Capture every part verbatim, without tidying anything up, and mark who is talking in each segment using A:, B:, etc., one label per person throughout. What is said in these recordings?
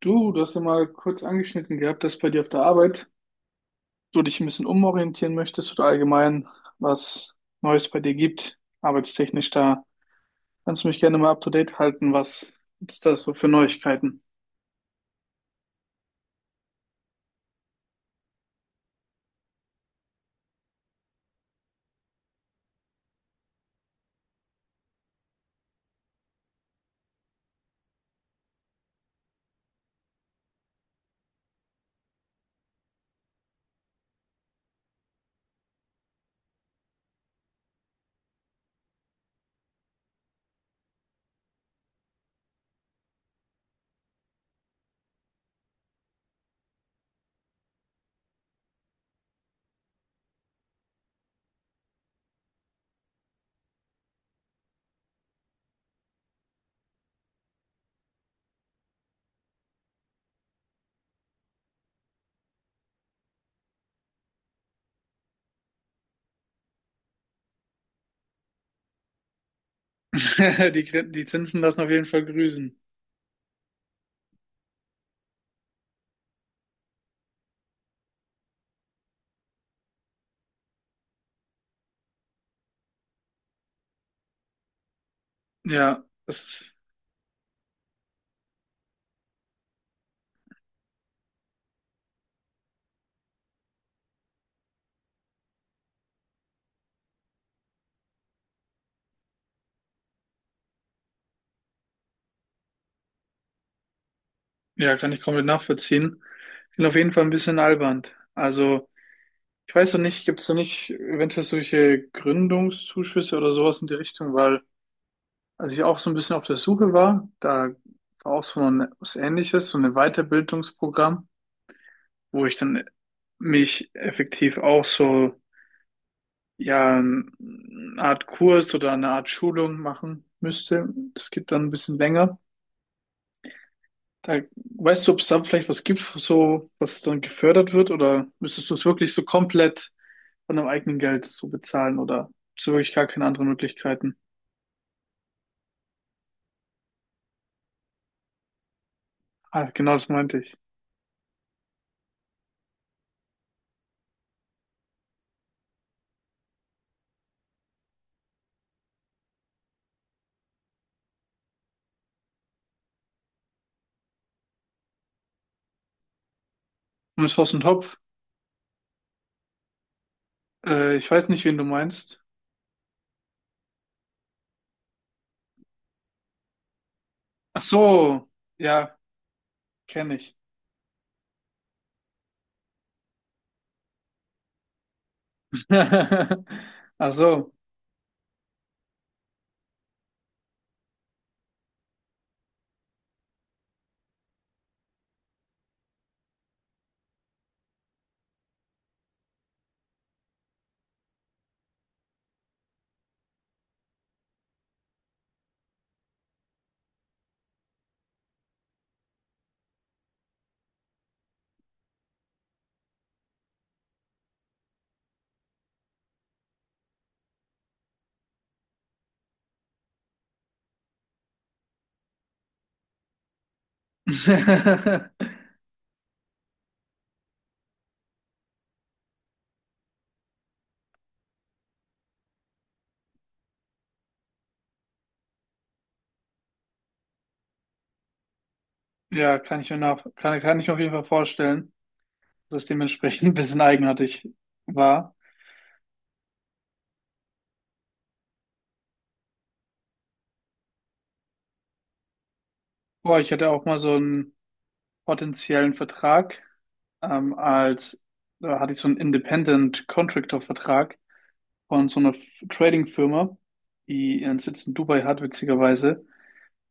A: Du, du hast ja mal kurz angeschnitten gehabt, dass bei dir auf der Arbeit du dich ein bisschen umorientieren möchtest oder allgemein was Neues bei dir gibt, arbeitstechnisch da. Kannst du mich gerne mal up to date halten? Was gibt's da so für Neuigkeiten? Die, Grin- die Zinsen lassen auf jeden Fall grüßen. Ja, das, ja, kann ich komplett nachvollziehen. Sind auf jeden Fall ein bisschen albern. Also, ich weiß noch nicht, gibt's da nicht eventuell solche Gründungszuschüsse oder sowas in die Richtung, weil. Als ich auch so ein bisschen auf der Suche war, da war auch so ein, was Ähnliches, so ein Weiterbildungsprogramm, wo ich dann mich effektiv auch so, ja, eine Art Kurs oder eine Art Schulung machen müsste. Das geht dann ein bisschen länger. Da, weißt du, ob es da vielleicht was gibt, so, was dann gefördert wird, oder müsstest du es wirklich so komplett von deinem eigenen Geld so bezahlen, oder hast du wirklich gar keine anderen Möglichkeiten? Ah, genau das meinte ich. Und es war so ein Topf. Äh, ich weiß nicht, wen du meinst. Ach so, ja, kenne ich. Ach so. Ja, kann ich mir nach, kann, kann ich mir auf jeden Fall vorstellen, dass es dementsprechend ein bisschen eigenartig war. Boah, ich hatte auch mal so einen potenziellen Vertrag, ähm, als, da hatte ich so einen Independent Contractor Vertrag von so einer F- Trading Firma, die ihren Sitz in Dubai hat, witzigerweise.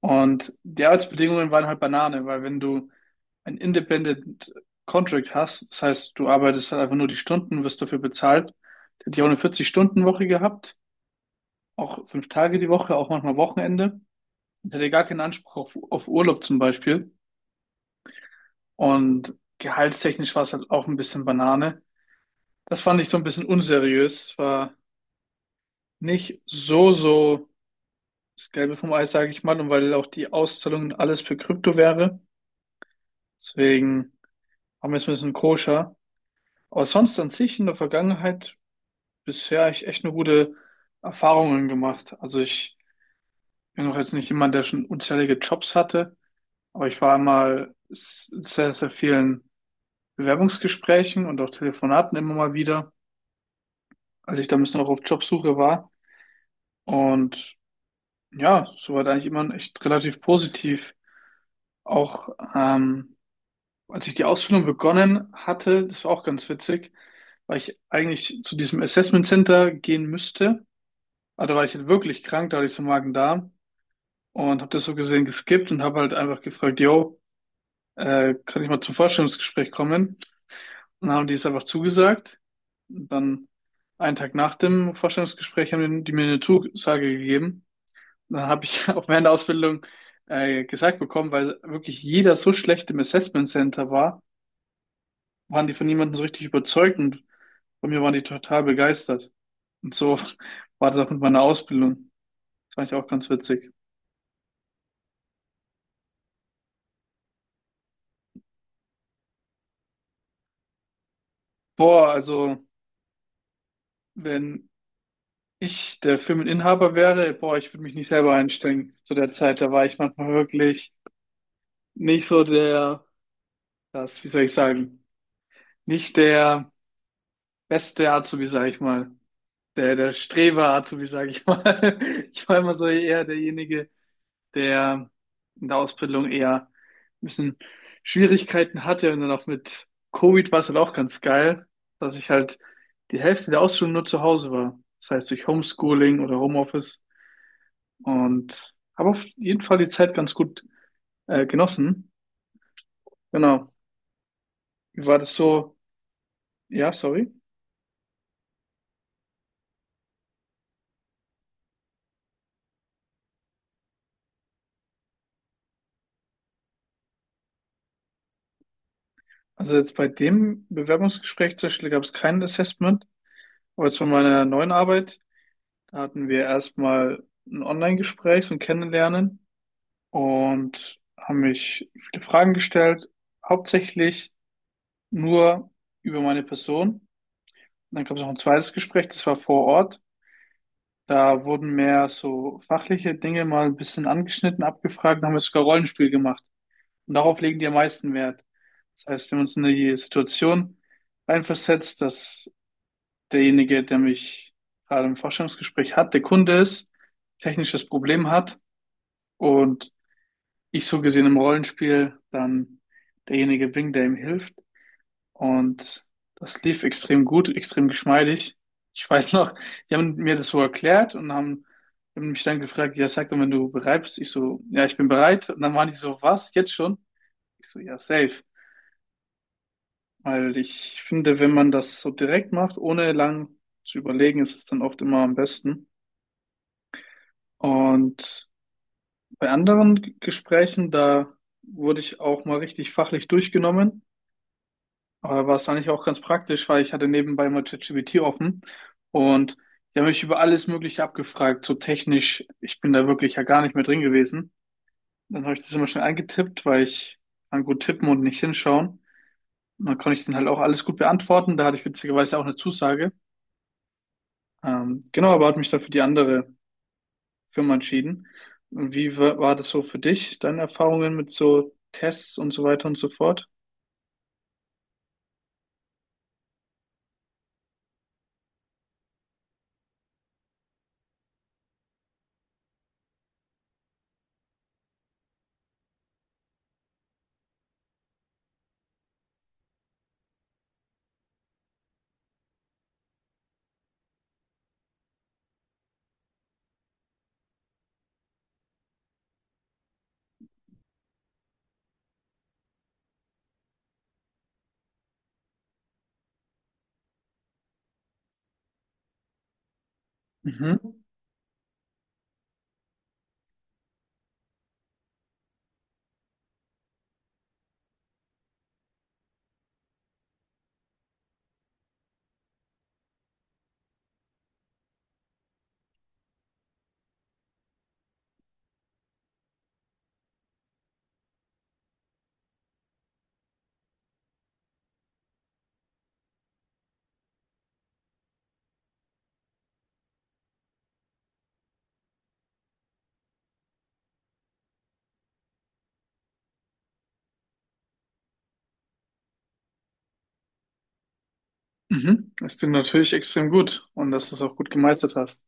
A: Und die Arbeitsbedingungen waren halt Banane, weil wenn du ein Independent Contract hast, das heißt, du arbeitest halt einfach nur die Stunden, wirst dafür bezahlt. Der hat ja auch eine vierzig-Stunden-Woche gehabt, auch fünf Tage die Woche, auch manchmal Wochenende. Der hatte gar keinen Anspruch auf, auf Urlaub zum Beispiel. Und gehaltstechnisch war es halt auch ein bisschen Banane. Das fand ich so ein bisschen unseriös. Es war nicht so, so das Gelbe vom Eis, sage ich mal, und weil auch die Auszahlung und alles für Krypto wäre. Deswegen haben wir jetzt ein bisschen koscher. Aber sonst an sich in der Vergangenheit bisher ich echt nur gute Erfahrungen gemacht. Also ich bin noch jetzt nicht jemand, der schon unzählige Jobs hatte, aber ich war einmal s- sehr, sehr vielen Bewerbungsgesprächen und auch Telefonaten immer mal wieder, als ich da ein bisschen auch auf Jobsuche war. Und ja, soweit eigentlich immer echt relativ positiv. Auch ähm, als ich die Ausbildung begonnen hatte, das war auch ganz witzig, weil ich eigentlich zu diesem Assessment Center gehen müsste. Aber da war ich halt wirklich krank, da hatte ich so Magen-Darm und habe das so gesehen geskippt und habe halt einfach gefragt, yo, äh, kann ich mal zum Vorstellungsgespräch kommen? Und dann haben die es einfach zugesagt. Und dann einen Tag nach dem Vorstellungsgespräch haben die mir eine Zusage gegeben. Dann habe ich auch während der Ausbildung äh, gesagt bekommen, weil wirklich jeder so schlecht im Assessment Center war, waren die von niemandem so richtig überzeugt und von mir waren die total begeistert. Und so war das auch mit meiner Ausbildung. Das fand ich auch ganz witzig. Boah, also. Wenn ich der Firmeninhaber wäre, boah, ich würde mich nicht selber einstrengen. Zu der Zeit, da war ich manchmal wirklich nicht so der, das, wie soll ich sagen, nicht der beste Azubi, sag ich mal. Der, der Streber-Azubi, sag ich mal. Ich war immer so eher derjenige, der in der Ausbildung eher ein bisschen Schwierigkeiten hatte und dann auch mit Covid war es halt auch ganz geil, dass ich halt die Hälfte der Ausbildung nur zu Hause war. Das heißt, durch Homeschooling oder Homeoffice. Und habe auf jeden Fall die Zeit ganz gut äh, genossen. Genau. Wie war das so? Ja, sorry. Also jetzt bei dem Bewerbungsgespräch zum Beispiel gab es kein Assessment, aber jetzt bei meiner neuen Arbeit, da hatten wir erstmal ein Online-Gespräch, so ein Kennenlernen und haben mich viele Fragen gestellt, hauptsächlich nur über meine Person. Dann gab es noch ein zweites Gespräch, das war vor Ort. Da wurden mehr so fachliche Dinge mal ein bisschen angeschnitten, abgefragt, dann haben wir sogar Rollenspiel gemacht. Und darauf legen die am meisten Wert. Das heißt, wenn man uns in die Situation reinversetzt, dass derjenige, der mich gerade im Forschungsgespräch hat, der Kunde ist, technisches Problem hat und ich so gesehen im Rollenspiel dann derjenige bin, der ihm hilft, und das lief extrem gut, extrem geschmeidig. Ich weiß noch, die haben mir das so erklärt und haben, haben mich dann gefragt, ja, sag doch, wenn du bereit bist. Ich so, ja, ich bin bereit. Und dann waren die so, was, jetzt schon? Ich so, ja, safe. Weil ich finde, wenn man das so direkt macht, ohne lang zu überlegen, ist es dann oft immer am besten. Und bei anderen G- Gesprächen, da wurde ich auch mal richtig fachlich durchgenommen. Aber war es eigentlich auch ganz praktisch, weil ich hatte nebenbei mal ChatGPT offen und die haben mich über alles Mögliche abgefragt, so technisch. Ich bin da wirklich ja gar nicht mehr drin gewesen. Dann habe ich das immer schnell eingetippt, weil ich kann gut tippen und nicht hinschauen. Und dann konnte ich den halt auch alles gut beantworten. Da hatte ich witzigerweise auch eine Zusage. Ähm, genau, aber hat mich dann für die andere Firma entschieden. Und wie wa- war das so für dich, deine Erfahrungen mit so Tests und so weiter und so fort? Mhm. Mhm. Das klingt natürlich extrem gut und dass du es auch gut gemeistert hast.